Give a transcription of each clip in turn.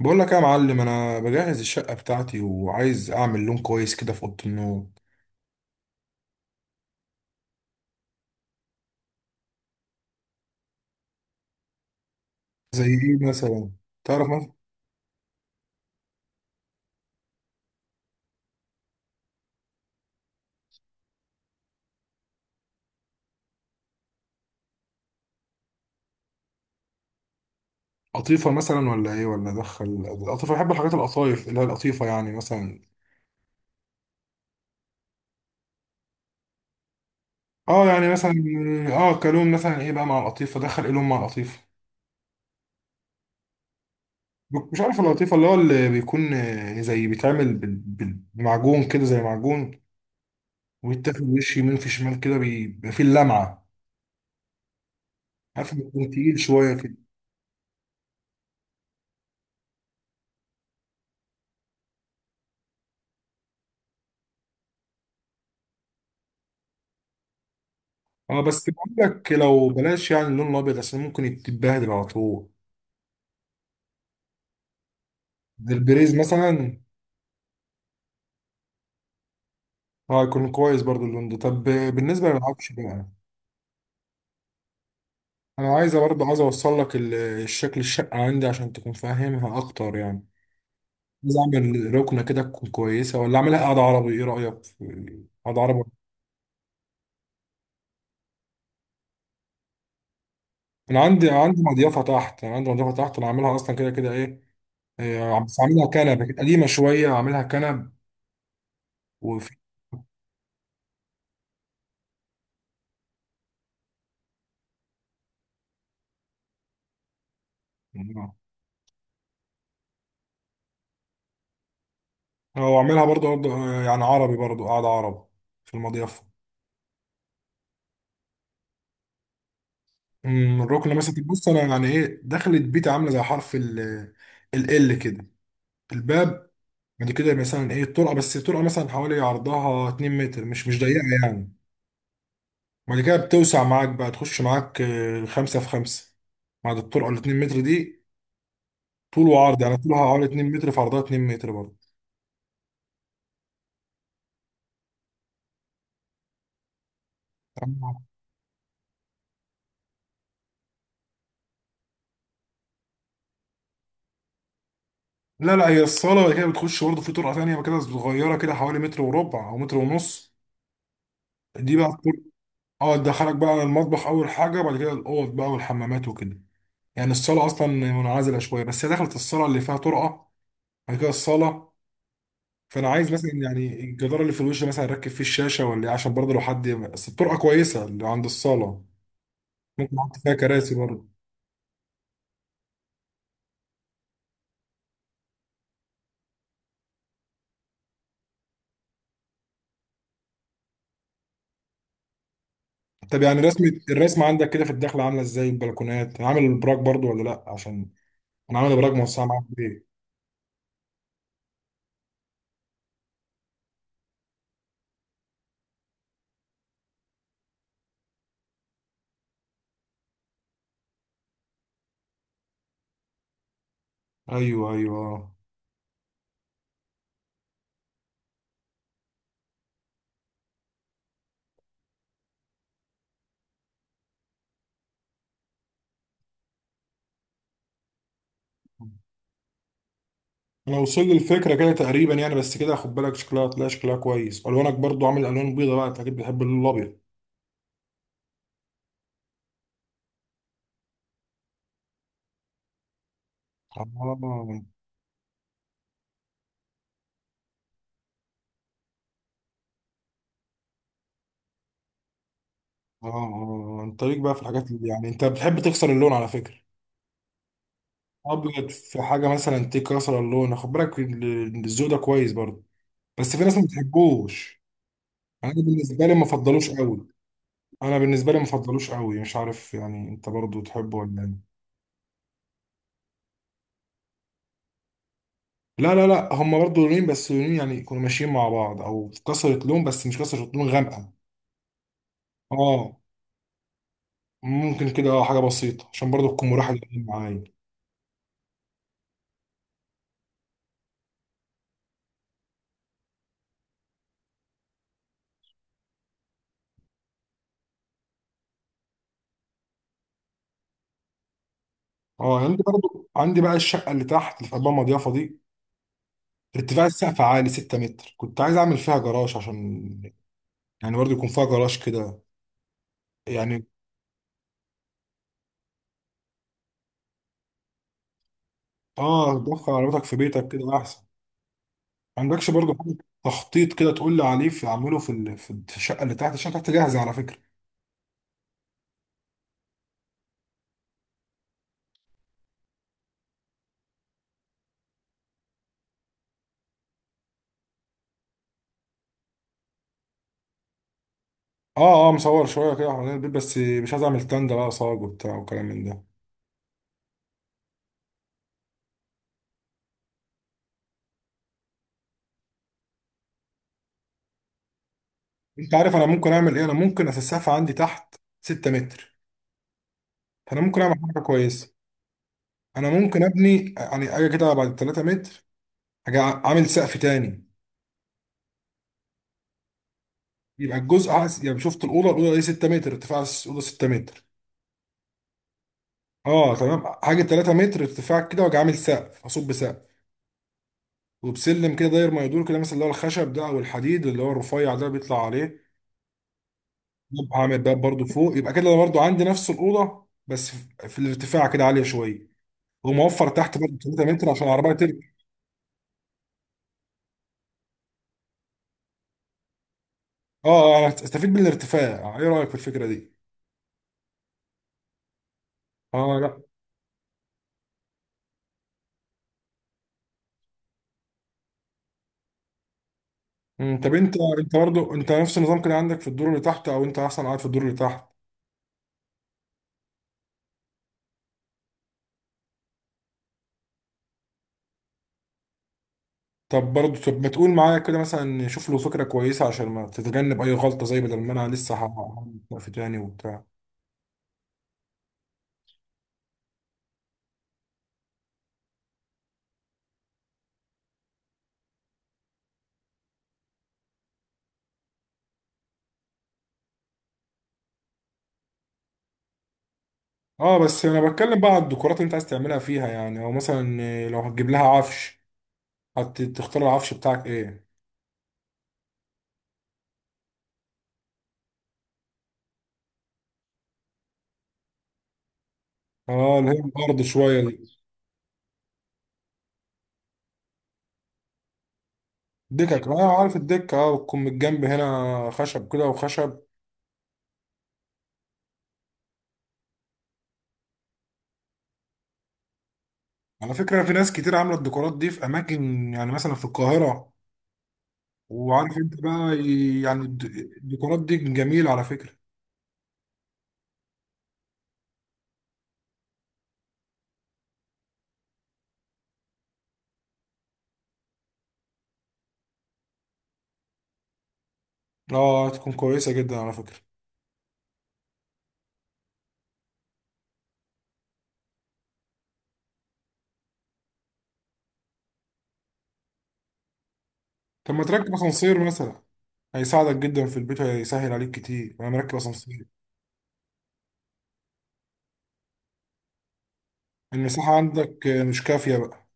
بقول لك إيه يا معلم، انا بجهز الشقه بتاعتي وعايز اعمل لون كويس كده في اوضه النوم. زي ايه مثلا؟ تعرف مثلا قطيفه مثلا ولا ايه ولا ادخل القطيفه؟ بحب الحاجات القطايف اللي هي القطيفه يعني مثلا. اه يعني مثلا. اه كلون مثلا، ايه بقى مع القطيفه؟ ادخل ايه لون مع القطيفه؟ مش عارف القطيفه اللي هو اللي بيكون آه، زي بيتعمل بمعجون كده، زي معجون ويتاخد وش يمين في شمال كده بيبقى فيه اللمعه. عارف بيكون تقيل شويه كده. اه بس بقول لك لو بلاش يعني اللون الابيض عشان ممكن يتبهدل على طول. زي البريز مثلا. اه يكون كويس برضو اللون ده. طب بالنسبه للعفش بقى، انا عايزه برضو، عايز اوصل لك الشكل الشقه عندي عشان تكون فاهمها اكتر يعني. عايز اعمل ركنه كده تكون كويسه ولا اعملها قاعده عربي؟ ايه رايك في قاعده عربي؟ انا عندي، عندي مضيفه تحت، انا عندي مضيفه تحت، انا عاملها اصلا كده كده ايه. آه، بس عاملها كنب قديمه شويه، عاملها كنب وفي. هو عاملها برضه يعني عربي برضه، قاعدة عرب في المضيفة. أمم، الركنة مثلا. بص أنا يعني إيه، دخلت بيتي عاملة زي حرف ال ال كده الباب. بعد كده مثلا إيه الطرقة، بس الطرقة مثلا حوالي عرضها 2 متر، مش ضيقة يعني. بعد كده بتوسع معاك بقى، تخش معاك آه، خمسة في خمسة بعد الطرقة ال 2 متر دي، طول وعرض يعني، طولها حوالي 2 متر في عرضها 2 متر برضه. تمام. لا لا، هي الصالة بعد كده بتخش برضه في طرقة تانية بقى كده صغيرة كده، حوالي متر وربع أو متر ونص دي بقى. اه تدخلك بقى المطبخ اول حاجه، بعد كده الاوض بقى والحمامات وكده. يعني الصاله اصلا منعزله شويه، بس هي دخلت الصاله اللي فيها طرقه، بعد كده الصاله. فانا عايز مثلا يعني الجدار اللي في الوش مثلا اركب فيه الشاشه ولا إيه، عشان برضه لو حد. بس الطرقه كويسه اللي عند الصاله، ممكن احط فيها كراسي برضه. طب يعني رسمة، الرسمة عندك كده في الدخلة عاملة ازاي؟ البلكونات، عامل البراك برضو ولا لا؟ عشان انا عامل براك موسعة معاك، ليه؟ ايوه ايوه آه. انا وصل لي الفكره كده تقريبا يعني. بس كده خد بالك شكلها، هتلاقي شكلها كويس. الوانك برضو عامل الوان بيضه بقى، انت اكيد بتحب اللون الابيض. اه اه اه، انت ليك بقى في الحاجات اللي يعني انت بتحب تكسر اللون على فكره. ابيض في حاجه مثلا تكسر اللون، خد بالك الذوق ده كويس برضو، بس في ناس ما بتحبوش. انا بالنسبه لي ما فضلوش قوي. انا بالنسبه لي ما فضلوش قوي، مش عارف يعني انت برضو تحبه ولا ايه. لا لا لا، هم برضو لونين، بس لونين يعني يكونوا ماشيين مع بعض، او كسرة لون بس مش كسرة لون غامقه. اه ممكن كده، آه، حاجه بسيطه عشان برضو تكون مريحه للعين معايا. اه عندي برضو، عندي بقى الشقه اللي تحت اللي في قلبها مضيافه دي، ارتفاع السقف عالي 6 متر، كنت عايز اعمل فيها جراج عشان يعني برضو يكون فيها جراج كده يعني. اه تدخل عربيتك في بيتك كده احسن. ما عندكش برضو حاجه تخطيط كده تقول لي عليه، في اعمله في الشقه اللي تحت؟ الشقه اللي تحت جاهزه على فكره. اه اه مصور شويه كده حوالين البيت، بس مش عايز اعمل تندة بقى صاج وبتاع وكلام من ده. انت عارف انا ممكن اعمل ايه؟ انا ممكن اسقف عندي تحت 6 متر، فانا ممكن اعمل حاجه كويسه. انا ممكن ابني يعني، اجي كده بعد 3 متر، اجي عامل سقف تاني. يبقى الجزء عكس-، يعني شفت الاوضه، الاوضه دي 6 متر ارتفاع، الاوضه 6 متر. اه تمام، حاجه 3 متر ارتفاع كده، واجي عامل سقف، اصب سقف وبسلم كده داير ما يدور كده، مثلا اللي هو الخشب ده او الحديد اللي هو الرفيع ده بيطلع عليه. يبقى عامل باب برضو فوق، يبقى كده انا برضو عندي نفس الاوضه، بس في الارتفاع كده عاليه شويه، وموفر تحت برضو 3 متر عشان العربيه تركب. اه آه، انا استفيد من الارتفاع. ايه رايك في الفكره دي؟ اه لا. مم، طب انت برضه انت نفس النظام كده عندك في الدور اللي تحت، او انت اصلا قاعد في الدور اللي تحت؟ طب برضه، طب ما تقول معايا كده مثلا، شوف له فكره كويسه عشان ما تتجنب اي غلطه، زي بدل ما انا لسه هعمل وقف تاني وبتاع. اه بس انا بتكلم بقى على الديكورات اللي انت عايز تعملها فيها، يعني او مثلا آه، لو هتجيب لها عفش، هتختار العفش بتاعك ايه؟ اه اللي هي الارض شويه دي. دكك، اه عارف الدكه، اه بتكون من الجنب هنا خشب كده وخشب. على فكره في ناس كتير عامله الديكورات دي في اماكن، يعني مثلا في القاهره. وعارف انت بقى، يعني الديكورات دي جميلة على فكرة. اه تكون كويسة جدا على فكرة. طب ما تركب اسانسير مثلا، هيساعدك جدا في البيت وهيسهل عليك كتير، انا مركب اسانسير. المساحة عندك مش كافية بقى.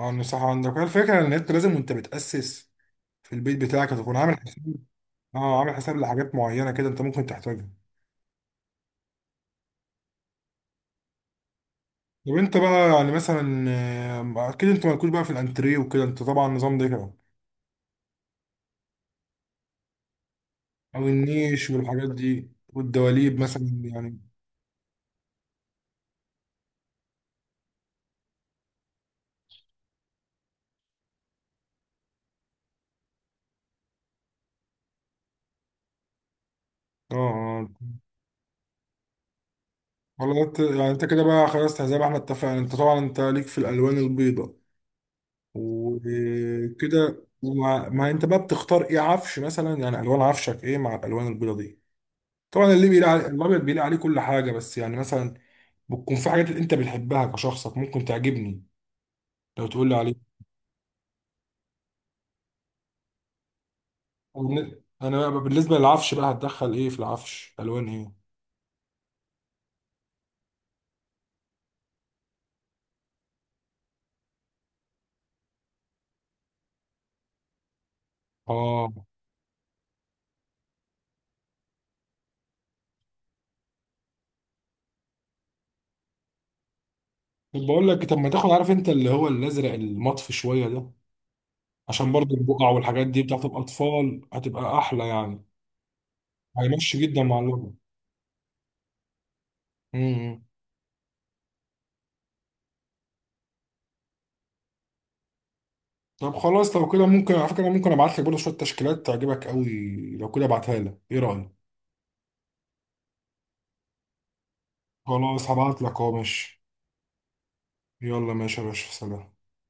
اه المساحة عندك هي الفكرة، ان انت لازم وانت بتأسس في البيت بتاعك هتكون عامل حساب. اه عامل حساب لحاجات معينة كده انت ممكن تحتاجها. طب انت بقى يعني مثلا آه، اكيد انت مالكوش بقى في الانتريه وكده، انت طبعا النظام ده كده، او النيش والحاجات دي والدواليب مثلا يعني. اه اه. والله انت يعني، انت كده بقى خلاص زي ما احنا اتفقنا، انت طبعا انت ليك في الالوان البيضاء وكده، وما ما انت بقى بتختار ايه عفش مثلا يعني؟ الوان عفشك ايه مع الالوان البيضاء دي؟ طبعا اللي بيلاقي عليه الابيض بيلاقي عليه كل حاجه، بس يعني مثلا بتكون في حاجات انت بتحبها كشخصك ممكن تعجبني، لو تقول لي عليه. انا بقى بالنسبه للعفش بقى، هتدخل ايه في العفش، الوان ايه؟ اه طب بقول لك، طب ما تاخد، عارف انت اللي هو الازرق المطفي شويه ده، عشان برضو البقع والحاجات دي بتاعت الأطفال هتبقى أحلى يعني. هيمشي جدا مع اللغة. امم. طب خلاص لو كده، ممكن على فكرة، ممكن أبعت لك برضو شوية تشكيلات تعجبك قوي. لو كده أبعتها لك، إيه رأيك؟ خلاص هبعت لك أهو، ماشي. يلا ماشي يا باشا، سلام.